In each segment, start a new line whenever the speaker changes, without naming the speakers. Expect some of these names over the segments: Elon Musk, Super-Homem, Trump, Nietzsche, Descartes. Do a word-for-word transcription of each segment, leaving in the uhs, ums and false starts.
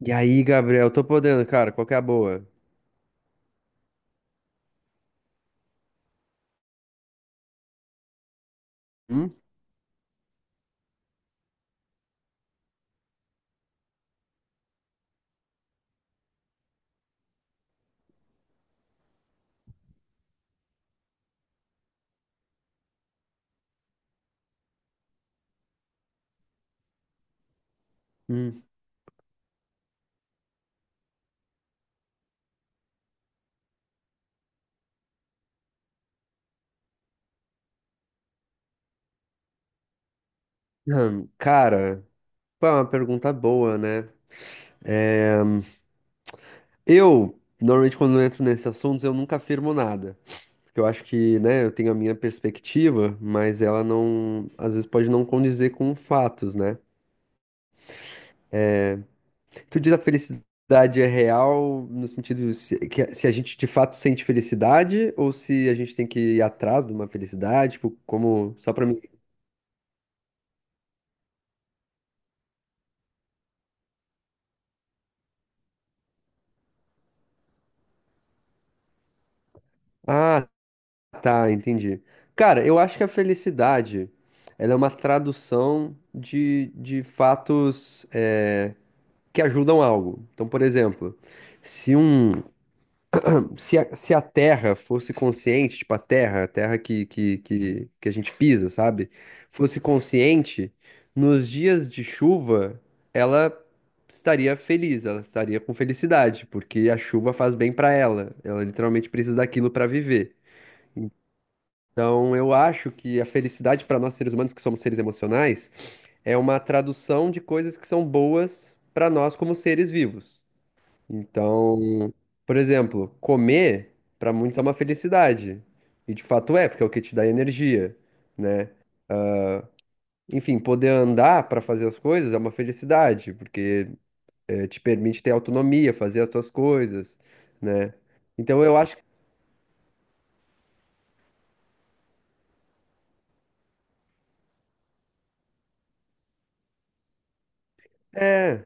E aí, Gabriel, tô podendo, cara, qual que é a boa? Hum? Hum. Hum, Cara, pô, é uma pergunta boa, né? Eu, normalmente quando eu entro nesses assuntos, eu nunca afirmo nada. Porque eu acho que, né, eu tenho a minha perspectiva, mas ela não, às vezes pode não condizer com fatos, né? Tu diz a felicidade é real no sentido se, que, a- se a gente de fato sente felicidade ou se a gente tem que ir atrás de uma felicidade, tipo, como, só pra mim. Ah, tá, entendi. Cara, eu acho que a felicidade, ela é uma tradução de, de fatos é, que ajudam algo. Então, por exemplo, se um, se a, se a Terra fosse consciente, tipo a Terra, a Terra que, que, que, que a gente pisa, sabe? Fosse consciente, nos dias de chuva, ela estaria feliz, ela estaria com felicidade, porque a chuva faz bem pra ela. Ela literalmente precisa daquilo pra viver. Então, eu acho que a felicidade para nós seres humanos, que somos seres emocionais, é uma tradução de coisas que são boas para nós como seres vivos. Então, por exemplo, comer para muitos é uma felicidade. E de fato é, porque é o que te dá energia, né? Enfim, poder andar para fazer as coisas é uma felicidade, porque eh, te permite ter autonomia, fazer as tuas coisas, né? Então, eu acho que é.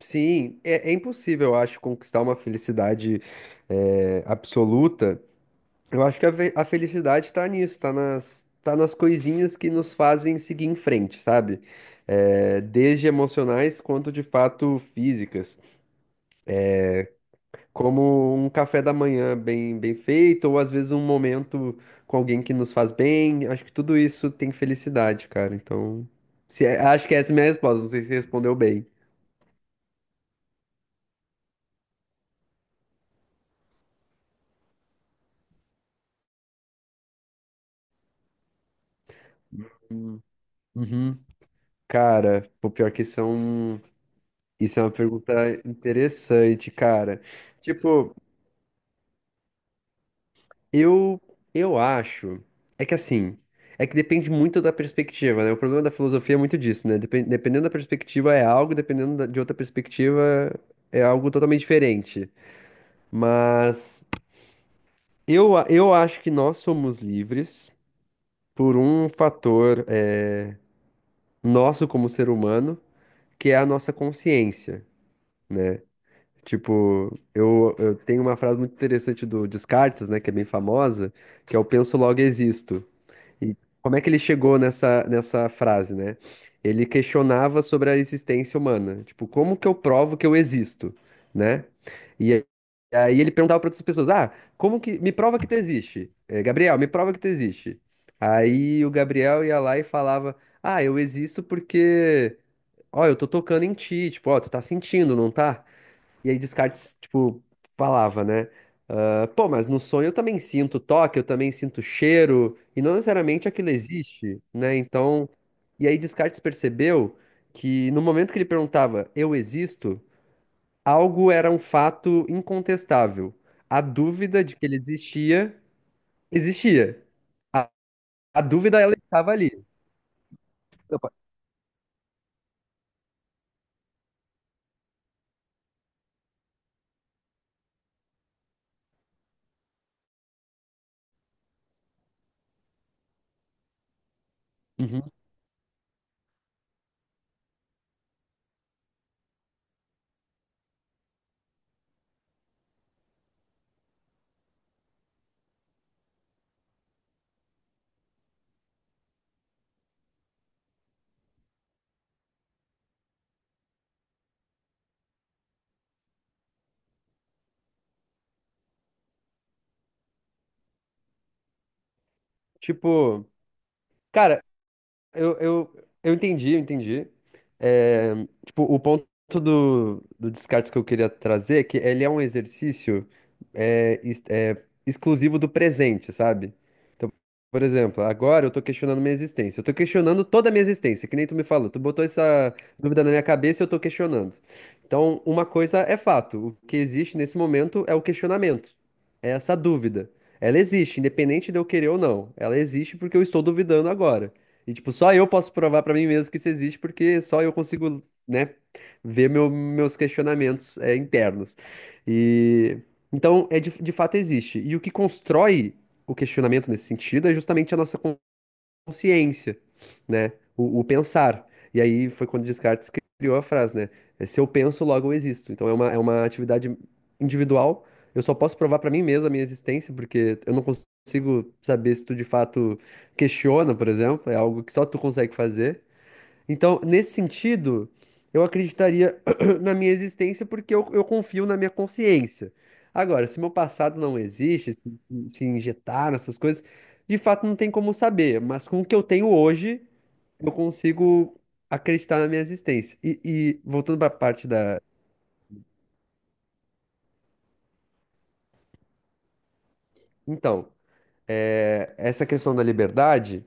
Sim, é, é impossível, eu acho, conquistar uma felicidade é, absoluta. Eu acho que a, ve- a felicidade tá nisso, tá nas, tá nas coisinhas que nos fazem seguir em frente, sabe? É, desde emocionais quanto de fato físicas. Como um café da manhã bem, bem feito, ou às vezes um momento com alguém que nos faz bem. Acho que tudo isso tem felicidade, cara. Então, se, é, acho que essa é a minha resposta. Não sei se respondeu bem. Hum. Uhum. Cara, o pior que são. Isso é uma pergunta interessante, cara. Tipo, eu eu acho é que assim, é que depende muito da perspectiva, né? O problema da filosofia é muito disso, né? Depen- dependendo da perspectiva é algo, dependendo da- de outra perspectiva é algo totalmente diferente. Mas eu a- eu acho que nós somos livres por um fator é, nosso como ser humano, que é a nossa consciência. Tipo, eu, eu tenho uma frase muito interessante do Descartes, né, que é bem famosa, que é o penso logo existo. E como é que ele chegou nessa, nessa frase, né? Ele questionava sobre a existência humana. Tipo, como que eu provo que eu existo, né? E aí aí ele perguntava para outras pessoas: "Ah, como que me prova que tu existe? Eh, Gabriel, me prova que tu existe." Aí o Gabriel ia lá e falava: "Ah, eu existo porque, ó, eu tô tocando em ti, tipo, ó, tu tá sentindo, não tá?" E aí Descartes, tipo, falava, né? Ah, pô, mas no sonho eu também sinto toque, eu também sinto cheiro, e não necessariamente aquilo existe, né? Então, e aí Descartes percebeu que no momento que ele perguntava, eu existo, algo era um fato incontestável. A dúvida de que ele existia, existia. A dúvida, ela estava ali. Opa. Uhum. Tipo, cara, Eu, eu, eu entendi, eu entendi. É, tipo, o ponto do, do Descartes que eu queria trazer é que ele é um exercício é, es- é, exclusivo do presente, sabe? Então, por exemplo, agora eu tô questionando minha existência. Eu tô questionando toda a minha existência, que nem tu me falou. Tu botou essa dúvida na minha cabeça e eu tô questionando. Então, uma coisa é fato. O que existe nesse momento é o questionamento. É essa dúvida. Ela existe, independente de eu querer ou não. Ela existe porque eu estou duvidando agora. E, tipo, só eu posso provar pra mim mesmo que isso existe, porque só eu consigo, né, ver meu- meus questionamentos, é, internos. E então, é de, de fato existe. E o que constrói o questionamento nesse sentido é justamente a nossa consciência, né? O, o pensar. E aí foi quando Descartes criou a frase, né? É, Se eu penso, logo eu existo. Então é uma, é uma atividade individual. Eu só posso provar para mim mesmo a minha existência, porque eu não consigo saber se tu de fato questiona, por exemplo. É algo que só tu consegue fazer. Então, nesse sentido, eu acreditaria na minha existência porque eu, eu confio na minha consciência. Agora, se meu passado não existe, se, se injetar nessas coisas, de fato não tem como saber, mas com o que eu tenho hoje, eu consigo acreditar na minha existência. E, e voltando para a parte da. Então, é, essa questão da liberdade.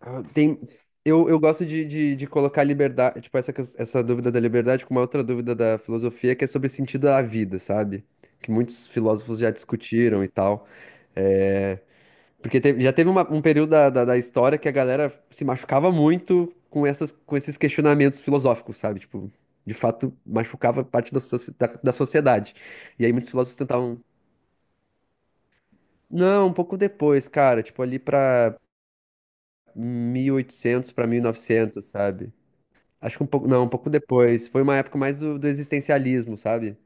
Ah, tem, eu, eu gosto de, de, de colocar liberdade, tipo, essa, ques- essa dúvida da liberdade com uma outra dúvida da filosofia, que é sobre sentido da vida, sabe? Que muitos filósofos já discutiram e tal. É, porque teve- já teve uma- um período da, da, da história que a galera se machucava muito com essas, com esses questionamentos filosóficos, sabe? Tipo, de fato, machucava parte da, soci- da, da sociedade. E aí muitos filósofos tentavam. Não, um pouco depois, cara, tipo, ali pra mil e oitocentos, pra mil e novecentos sabe? Acho que um pouco, não, um pouco depois. Foi uma época mais do, do existencialismo, sabe?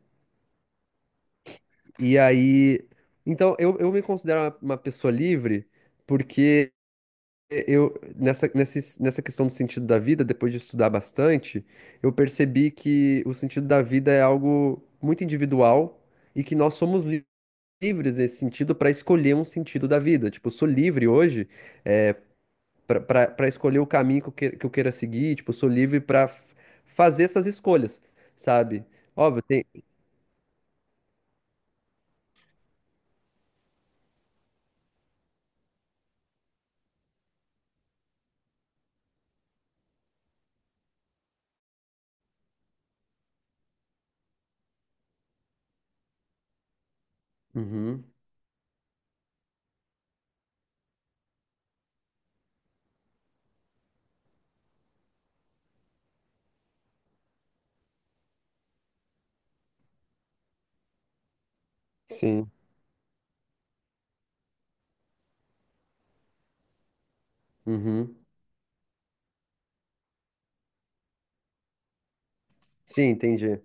E aí, então eu, eu me considero uma, uma pessoa livre porque eu nessa, nessa, nessa questão do sentido da vida, depois de estudar bastante, eu percebi que o sentido da vida é algo muito individual e que nós somos li- livres nesse sentido para escolher um sentido da vida. Tipo, eu sou livre hoje para escolher o caminho que eu, que, que eu queira seguir, tipo, eu sou livre para fazer essas escolhas, sabe? Óbvio, tem, uhum, sim, uhum, sim, entendi.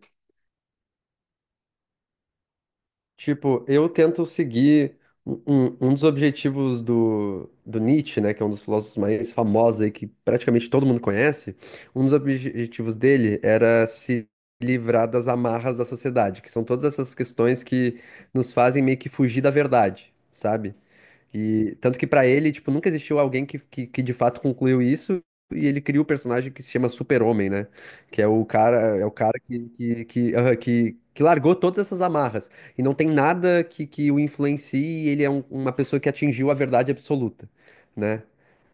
Tipo, eu tento seguir um, um- um dos objetivos do, do Nietzsche, né, que é um dos filósofos mais famosos aí, que praticamente todo mundo conhece. Um dos objetivos dele era se livrar das amarras da sociedade, que são todas essas questões que nos fazem meio que fugir da verdade, sabe? E tanto que pra ele, tipo, nunca existiu alguém que, que, que de fato concluiu isso. E ele cria o personagem que se chama Super-Homem, né? Que é o cara, é o cara que, que, que, aham, que, que largou todas essas amarras. E não tem nada que, que o influencie, e ele é um- uma pessoa que atingiu a verdade absoluta, né?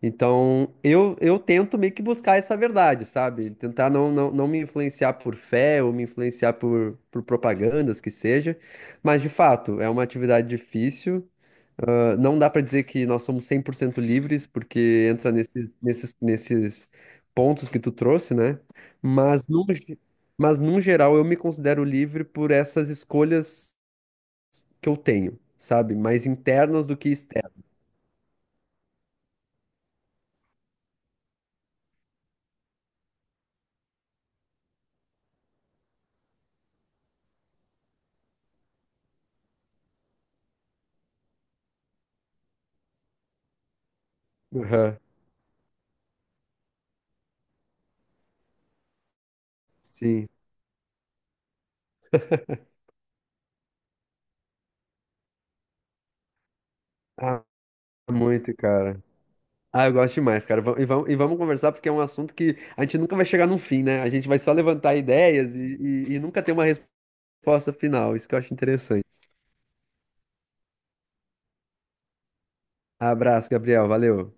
Então, eu, eu tento meio que buscar essa verdade, sabe? Tentar não, não, não me influenciar por fé ou me influenciar por, por propagandas que seja. Mas, de fato, é uma atividade difícil. Não dá para dizer que nós somos cem por cento livres, porque entra nesses, nesses, nesses pontos que tu trouxe, né? Mas, no, ge- mas, num geral, eu me considero livre por essas escolhas que eu tenho, sabe? Mais internas do que externas. Aham, sim. Ah, muito, cara. Ah, eu gosto demais, cara. Vam- E vamos, e vamos conversar porque é um assunto que a gente nunca vai chegar num fim, né? A gente vai só levantar ideias e, e e nunca ter uma resposta final. Isso que eu acho interessante. Abraço, Gabriel. Valeu.